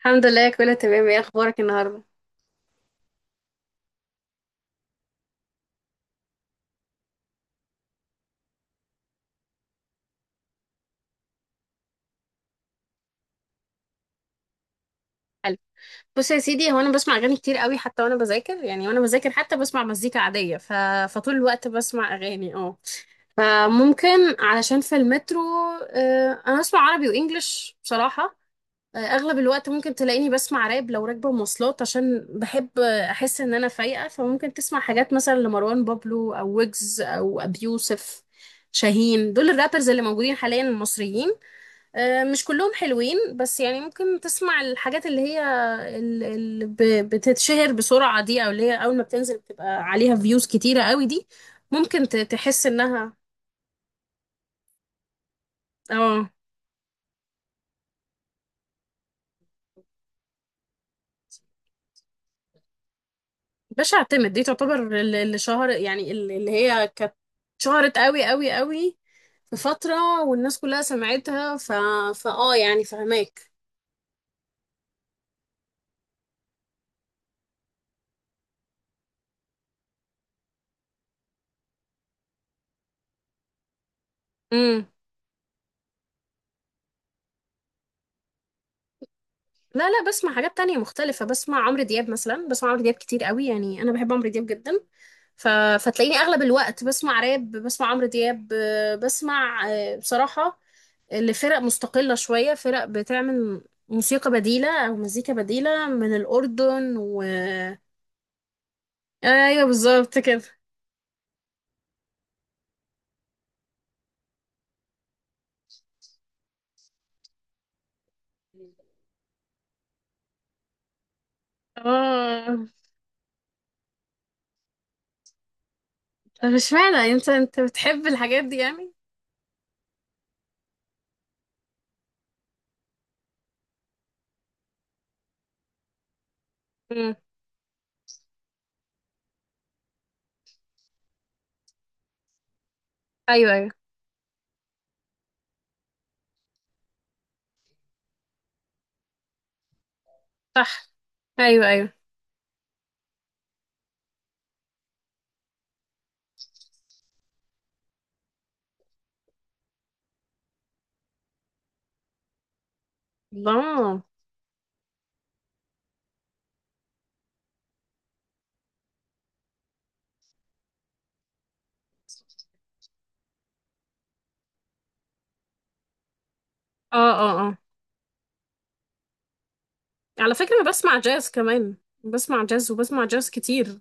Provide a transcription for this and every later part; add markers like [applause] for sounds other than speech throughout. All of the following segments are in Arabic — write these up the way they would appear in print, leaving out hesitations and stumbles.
الحمد لله، كله تمام. ايه اخبارك النهارده؟ حلو. بص يا سيدي، هو انا بسمع اغاني كتير قوي حتى وانا بذاكر، يعني وانا بذاكر حتى بسمع مزيكا عاديه. فطول الوقت بسمع اغاني. اه فممكن، علشان في المترو. انا بسمع عربي وانجليش بصراحه. اغلب الوقت ممكن تلاقيني بسمع راب لو راكبه مواصلات، عشان بحب، احس ان انا فايقه. فممكن تسمع حاجات مثلا لمروان بابلو او ويجز او ابي يوسف شاهين. دول الرابرز اللي موجودين حاليا المصريين. مش كلهم حلوين بس يعني، ممكن تسمع الحاجات اللي هي اللي بتتشهر بسرعة دي، او اللي هي اول ما بتنزل بتبقى عليها فيوز كتيرة قوي دي. ممكن تحس انها. اه. باش اعتمد دي تعتبر اللي شهر، يعني اللي هي كانت شهرت قوي قوي قوي في فترة، والناس كلها سمعتها. فاه يعني فهماك. امم. لا لا، بسمع حاجات تانية مختلفة. بسمع عمرو دياب مثلا، بسمع عمرو دياب كتير قوي، يعني أنا بحب عمرو دياب جدا. ف... فتلاقيني أغلب الوقت بسمع راب، بسمع عمرو دياب، بسمع، بصراحة لفرق مستقلة، شوية فرق بتعمل موسيقى بديلة أو مزيكا بديلة من الأردن و... أيوه بالظبط كده. اه. طب اشمعنى انت بتحب الحاجات دي يعني؟ مم. ايوه ايوه. صح. ايوه ايوه. الله. اه اه اه. على فكرة أنا بسمع جاز كمان. بسمع جاز، وبسمع جاز كتير.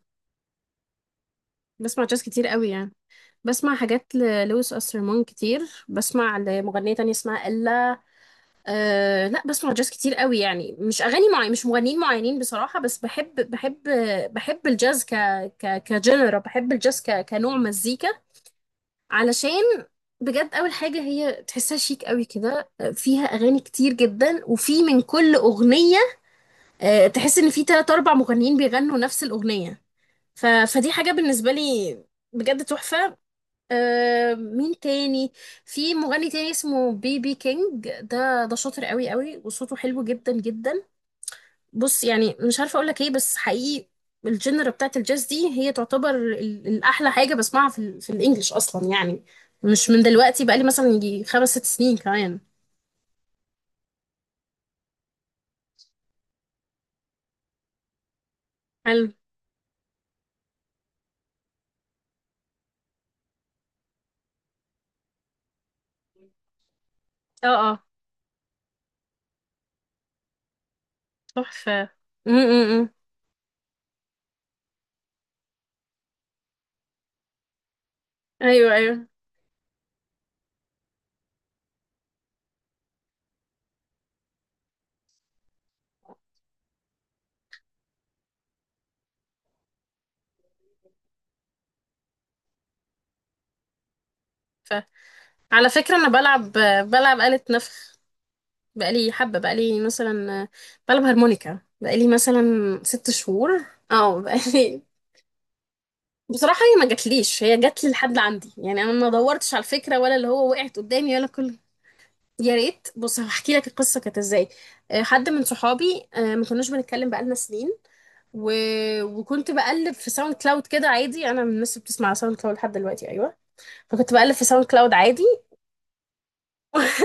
بسمع جاز كتير قوي يعني. بسمع حاجات للويس أسترمون كتير، بسمع لمغنية تانية اسمها إلا. أه لا، بسمع جاز كتير قوي يعني. مش أغاني معين، مش مغنيين معينين بصراحة، بس بحب، بحب، بحب الجاز ك كجنرا. بحب الجاز كنوع مزيكا، علشان بجد أول حاجة هي تحسها شيك قوي كده. فيها أغاني كتير جدا، وفي من كل أغنية تحس ان في 3 4 مغنيين بيغنوا نفس الاغنيه. ف... فدي حاجة بالنسبة لي بجد تحفة. آه، مين تاني؟ في مغني تاني اسمه بي بي كينج. ده شاطر قوي قوي، وصوته حلو جدا جدا. بص يعني، مش عارفة اقولك ايه، بس حقيقي الجنرا بتاعت الجاز دي هي تعتبر الأحلى حاجة بسمعها في الإنجليش أصلا يعني. مش من دلوقتي، بقالي مثلا يجي 5 6 سنين كمان. حلو. اه اه تحفة. م- م- م. ايوه ايوه. ف... على فكرة انا بلعب، بلعب آلة نفخ. بقالي حبة، بقالي مثلا بلعب هارمونيكا بقالي مثلا 6 شهور. اه بقالي. [laughs] بصراحة هي ما جاتليش، هي جاتلي لحد عندي يعني. انا ما دورتش على الفكرة، ولا اللي هو وقعت قدامي ولا كل. يا ريت. بص، هحكي لك القصة كانت ازاي. حد من صحابي، ما كناش بنتكلم بقالنا سنين. و... وكنت بقلب في ساوند كلاود كده عادي. انا من الناس اللي بتسمع ساوند كلاود لحد دلوقتي، ايوه. فكنت بقلب في ساوند كلاود عادي.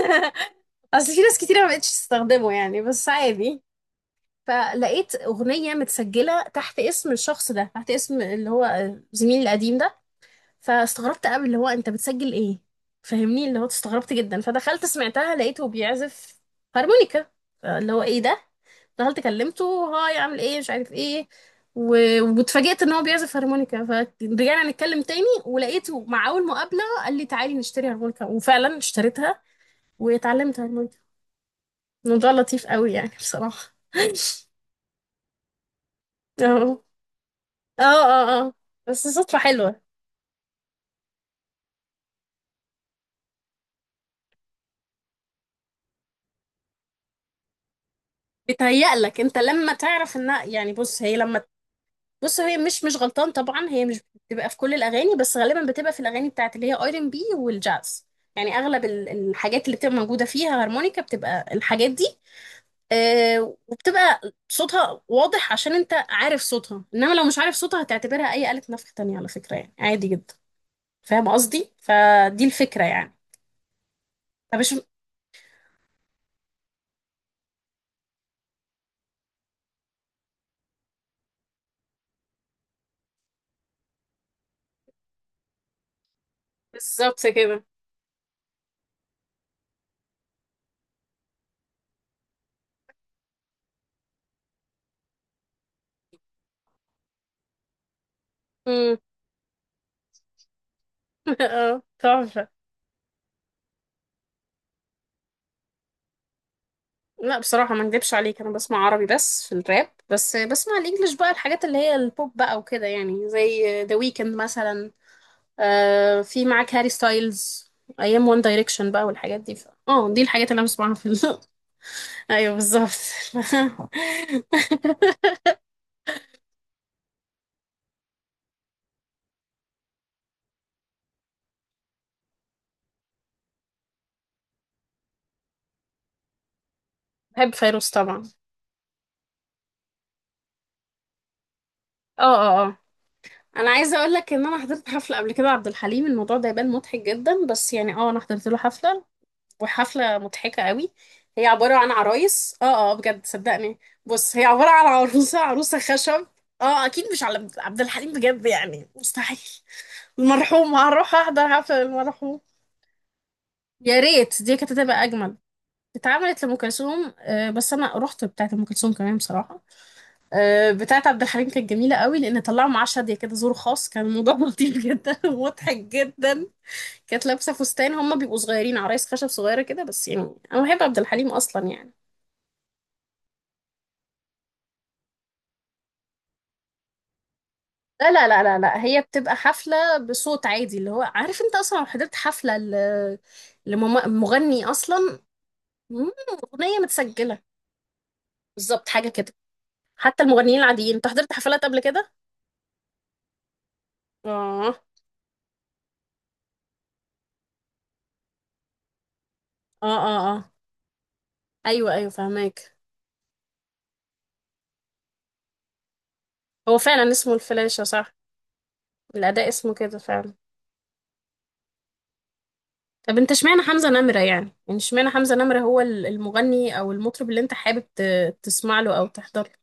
[laughs] اصل في ناس كتير ما بقتش تستخدمه يعني، بس عادي. فلقيت أغنية متسجلة تحت اسم الشخص ده، تحت اسم اللي هو زميلي القديم ده. فاستغربت قوي، اللي هو انت بتسجل ايه؟ فاهمني، اللي هو استغربت جدا. فدخلت سمعتها، لقيته بيعزف هارمونيكا. اللي هو ايه ده. دخلت كلمته، هاي، عامل ايه، مش عارف ايه. و... واتفاجئت ان هو بيعزف هارمونيكا. فرجعنا نتكلم تاني، ولقيته مع اول مقابلة قال لي تعالي نشتري هارمونيكا، وفعلا اشتريتها واتعلمت هارمونيكا. الموضوع لطيف قوي يعني بصراحة. اه. اه اه اه. بس صدفة حلوة. بتهيألك انت لما تعرف انها يعني، بص هي لما، بص هي مش غلطان طبعا. هي مش بتبقى في كل الاغاني، بس غالبا بتبقى في الاغاني بتاعت اللي هي ار ام بي والجاز. يعني اغلب الحاجات اللي بتبقى موجودة فيها هارمونيكا بتبقى الحاجات دي. آه، وبتبقى صوتها واضح عشان انت عارف صوتها، انما لو مش عارف صوتها هتعتبرها اي آلة نفخ تانية على فكرة، يعني عادي جدا. فاهم قصدي؟ فدي الفكرة يعني. فمش. بالظبط كده. امم. [laughs] اه تحفة. لا، بصراحة ما اكدبش عليك، انا بسمع عربي بس في الراب. بس بسمع الانجليش بقى الحاجات اللي هي البوب بقى وكده يعني، زي ذا ويكند مثلا. آه، في معاك هاري ستايلز. ايام وان دايركشن بقى، والحاجات دي. اه، دي الحاجات اللي انا بسمعها في [laughs] ايوه بالظبط. [laughs] بحب فيروز طبعا. اه اه اه. انا عايزه اقول لك ان انا حضرت حفله قبل كده عبد الحليم. الموضوع ده يبان مضحك جدا بس يعني، اه، انا حضرت له حفله، وحفلة مضحكة قوي. هي عبارة عن عرايس، اه. اه بجد صدقني. بص، هي عبارة عن عروسة خشب. اه، اكيد مش على عبد الحليم بجد يعني، مستحيل المرحوم هروح احضر حفلة المرحوم. يا ريت، دي كانت هتبقى اجمل. اتعملت لأم كلثوم، آه. بس انا رحت بتاعة أم كلثوم كمان بصراحة. آه، بتاعة عبد الحليم كانت جميلة قوي، لان طلعوا معاه شادية كده، زور خاص. كان الموضوع [laughs] لطيف جدا ومضحك جدا. كانت لابسة فستان، هما بيبقوا صغيرين، عرايس خشب صغيرة كده، بس يعني انا بحب عبد الحليم اصلا يعني. لا لا لا لا لا، هي بتبقى حفلة بصوت عادي. اللي هو عارف، انت اصلا لو حضرت حفلة لمغني اصلا. مم، اغنية متسجلة. بالظبط حاجة كده. حتى المغنيين العاديين، انت حضرت حفلات قبل كده؟ اه اه اه. اه ايوه ايوه فهماك. هو فعلا اسمه الفلاشة صح. الاداء اسمه كده فعلا. طب انت اشمعنى حمزة نمرة يعني، اشمعنى حمزة نمرة هو المغني او المطرب اللي انت حابب تسمع له او تحضر له؟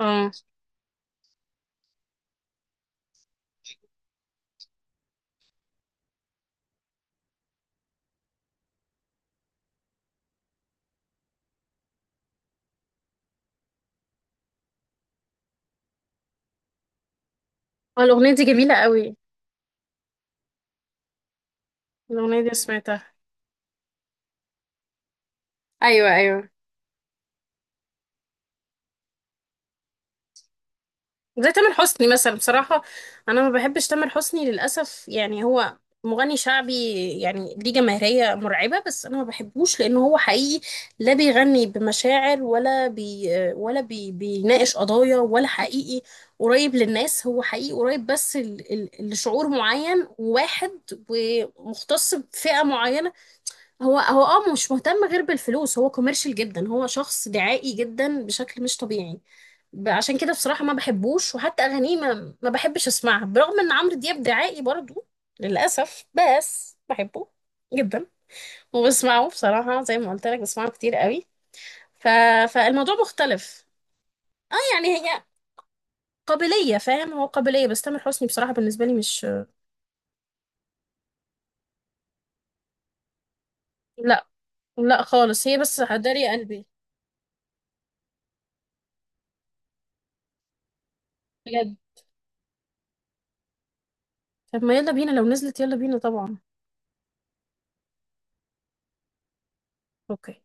اه اه. الاغنية دي جميلة قوي. الاغنية دي سمعتها. ايوه ايوه. زي تامر حسني مثلا بصراحة. أنا ما بحبش تامر حسني للأسف، يعني هو مغني شعبي، يعني ليه جماهيرية مرعبة، بس أنا ما بحبوش لأنه هو حقيقي لا بيغني بمشاعر ولا بي بيناقش قضايا، ولا حقيقي قريب للناس. هو حقيقي قريب بس لشعور معين وواحد، ومختص بفئة معينة. هو اه، مش مهتم غير بالفلوس. هو كوميرشال جدا، هو شخص دعائي جدا بشكل مش طبيعي. عشان كده بصراحة ما بحبوش، وحتى أغانيه ما بحبش أسمعها، برغم إن عمرو دياب دعائي برضو للأسف. بس بحبه جدا، وبسمعه بصراحة زي ما قلت لك بسمعه كتير قوي. ف... فالموضوع مختلف. اه يعني، هي قابلية، فاهم؟ هو قابلية. بس تامر حسني بصراحة بالنسبة لي مش. لا، لا خالص. هي بس هداري قلبي. بجد. طب ما يلا بينا، لو نزلت يلا بينا طبعا. اوكي.